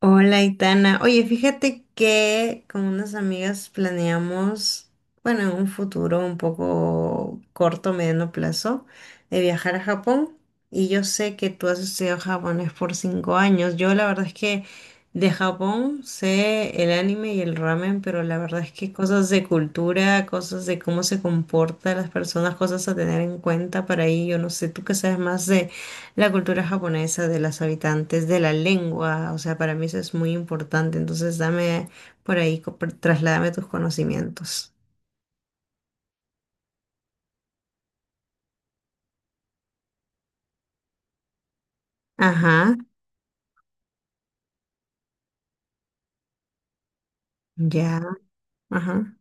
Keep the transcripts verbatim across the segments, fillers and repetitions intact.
Hola, Itana. Oye, fíjate que con unas amigas planeamos, bueno, en un futuro un poco corto, mediano plazo, de viajar a Japón. Y yo sé que tú has estudiado japonés por cinco años. Yo la verdad es que de Japón sé el anime y el ramen, pero la verdad es que cosas de cultura, cosas de cómo se comportan las personas, cosas a tener en cuenta para ahí. Yo no sé, tú que sabes más la cultura japonesa de las habitantes de la lengua. O sea, para mí eso es muy importante. Entonces, dame por ahí, co- por- trasládame tus conocimientos. Ajá, ya, ajá.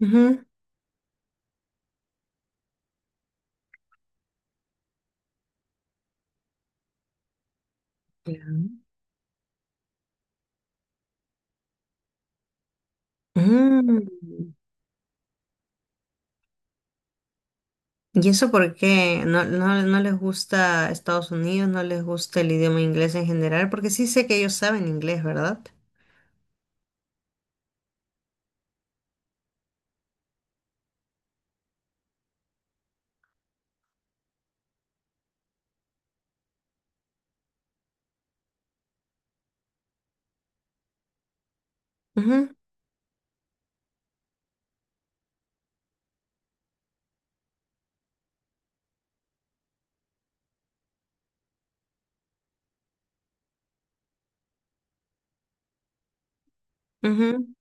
ujú. Ya. Mm. ¿Y eso por qué? ¿No, no, no les gusta Estados Unidos? ¿No les gusta el idioma inglés en general? Porque sí sé que ellos saben inglés, ¿verdad? Ujú, ujú,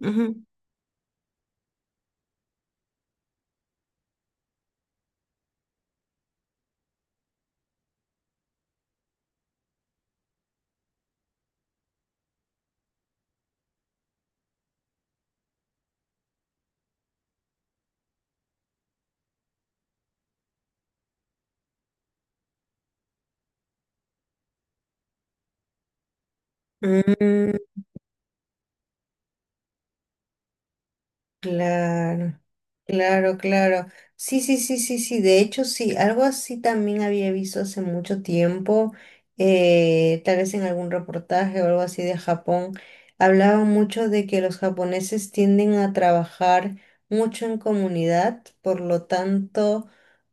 ujú. Mm. Claro, claro, claro. Sí, sí, sí, sí, sí. De hecho, sí, algo así también había visto hace mucho tiempo, eh, tal vez en algún reportaje o algo así de Japón. Hablaba mucho de que los japoneses tienden a trabajar mucho en comunidad, por lo tanto,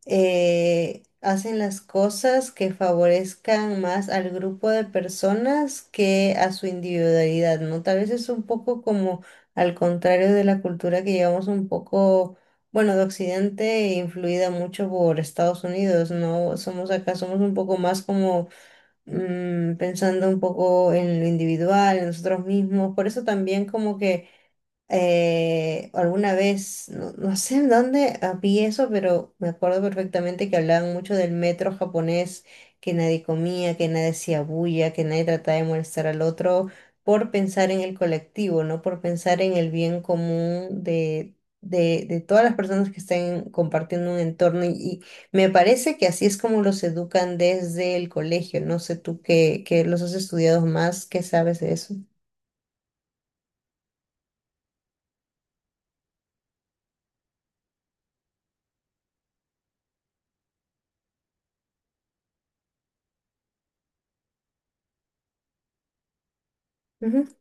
eh, hacen las cosas que favorezcan más al grupo de personas que a su individualidad, ¿no? Tal vez es un poco como al contrario de la cultura que llevamos un poco, bueno, de Occidente, influida mucho por Estados Unidos, ¿no? Somos acá, somos un poco más como mm, pensando un poco en lo individual, en nosotros mismos, por eso también como que eh, alguna vez, no, no sé en dónde ah, vi eso, pero me acuerdo perfectamente que hablaban mucho del metro japonés, que nadie comía, que nadie hacía bulla, que nadie trataba de molestar al otro por pensar en el colectivo, no por pensar en el bien común de, de, de todas las personas que estén compartiendo un entorno. Y, y me parece que así es como los educan desde el colegio. No sé tú que, que los has estudiado más, ¿qué sabes de eso? Ujú,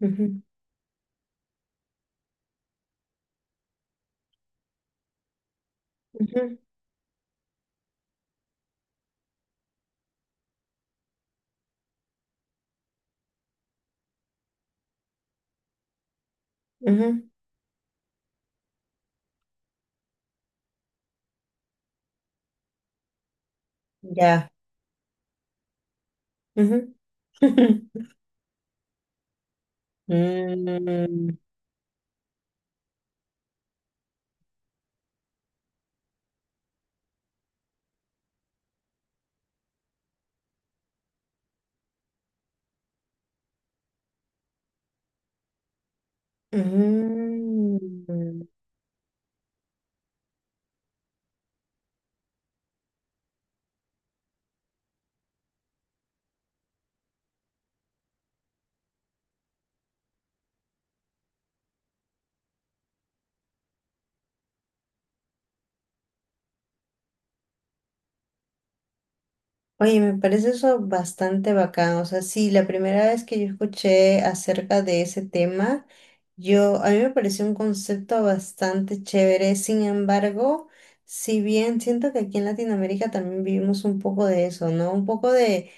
ujú, ujú, ujú. Ya. Ujú. Mm, mm. Oye, me parece eso bastante bacán. O sea, sí, la primera vez que yo escuché acerca de ese tema, yo, a mí me pareció un concepto bastante chévere. Sin embargo, si bien siento que aquí en Latinoamérica también vivimos un poco de eso, ¿no? Un poco de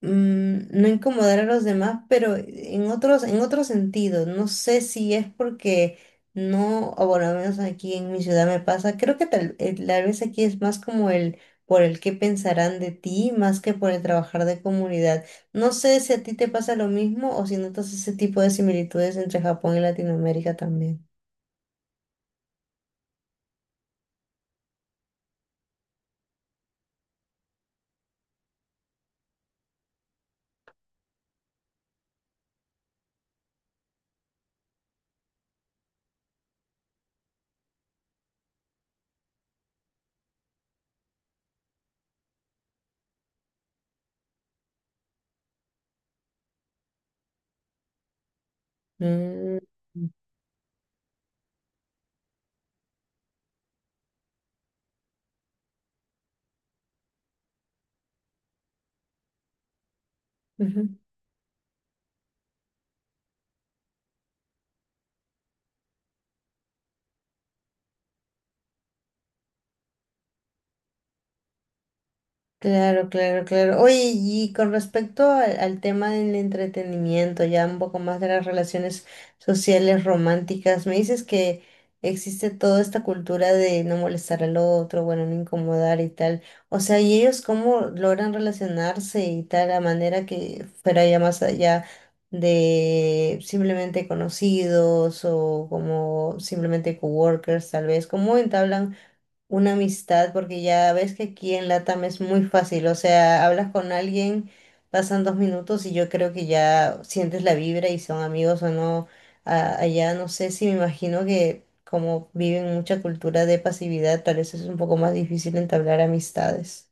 mm, no incomodar a los demás, pero en otros, en otro sentido. No sé si es porque no, o por lo menos aquí en mi ciudad me pasa. Creo que tal, eh, tal vez aquí es más como el por el qué pensarán de ti, más que por el trabajar de comunidad. No sé si a ti te pasa lo mismo o si notas ese tipo de similitudes entre Japón y Latinoamérica también. Mm, ujú. Claro, claro, claro. Oye, y con respecto al, al tema del entretenimiento, ya un poco más de las relaciones sociales románticas, me dices que existe toda esta cultura de no molestar al otro, bueno, no incomodar y tal. O sea, ¿y ellos cómo logran relacionarse y tal, a manera que fuera ya más allá de simplemente conocidos o como simplemente coworkers, tal vez? ¿Cómo entablan una amistad, porque ya ves que aquí en LATAM es muy fácil, o sea, hablas con alguien, pasan dos minutos y yo creo que ya sientes la vibra y son amigos o no. A- allá no sé si me imagino que como viven mucha cultura de pasividad, tal vez es un poco más difícil entablar amistades.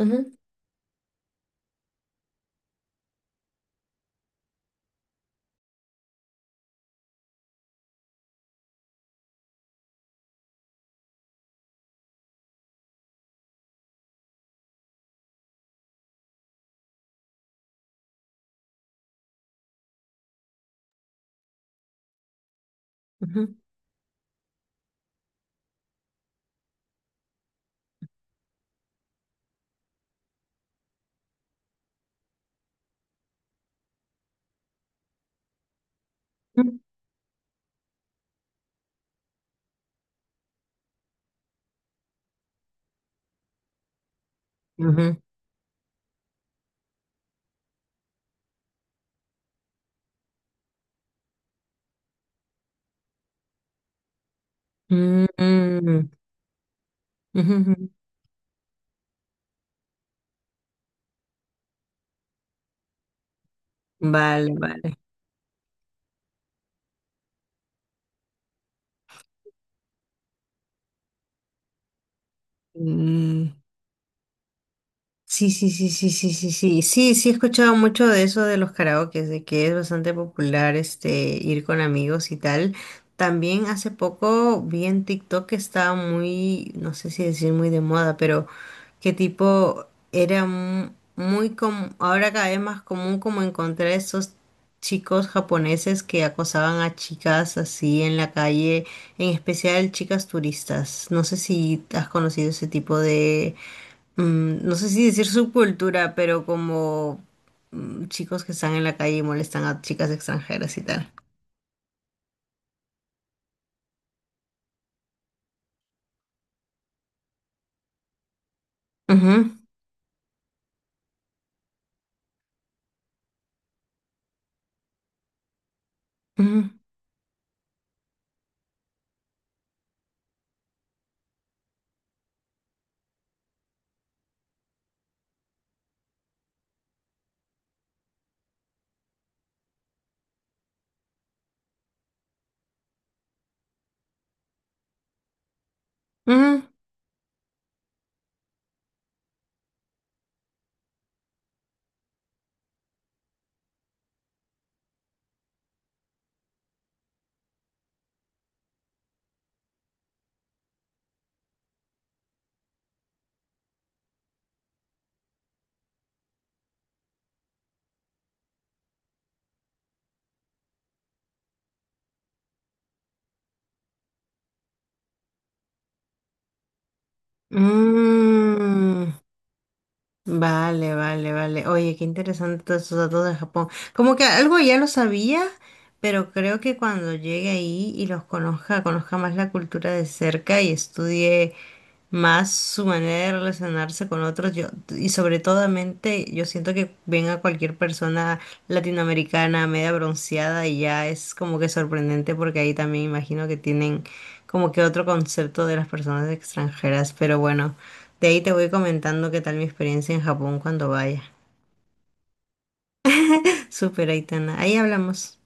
Ujú, ujú, ujú, ujú, mm, ujú, ujú. Vale, vale. Mm. Sí, sí, sí, sí, sí, sí, sí, sí, sí, he escuchado mucho de eso de los karaokes, de que es bastante popular este ir con amigos y tal. También hace poco vi en TikTok que estaba muy, no sé si decir muy de moda, pero que tipo era mu- muy común, ahora cada vez más común como encontrar estos chicos japoneses que acosaban a chicas así en la calle, en especial chicas turistas. No sé si has conocido ese tipo de mm, no sé si decir subcultura, pero como mm, chicos que están en la calle y molestan a chicas extranjeras y tal. Ujú, ujú, ujú. Mm. Vale, vale, vale. Oye, qué interesante todos esos datos de Japón. Como que algo ya lo sabía, pero creo que cuando llegue ahí y los conozca, conozca más la cultura de cerca y estudie. Más su manera de relacionarse con otros, yo, y sobre todo, mente, yo siento que ven a cualquier persona latinoamericana media bronceada y ya es como que sorprendente porque ahí también imagino que tienen como que otro concepto de las personas extranjeras, pero bueno, de ahí te voy comentando qué tal mi experiencia en Japón cuando vaya. Súper, Aitana, ahí hablamos.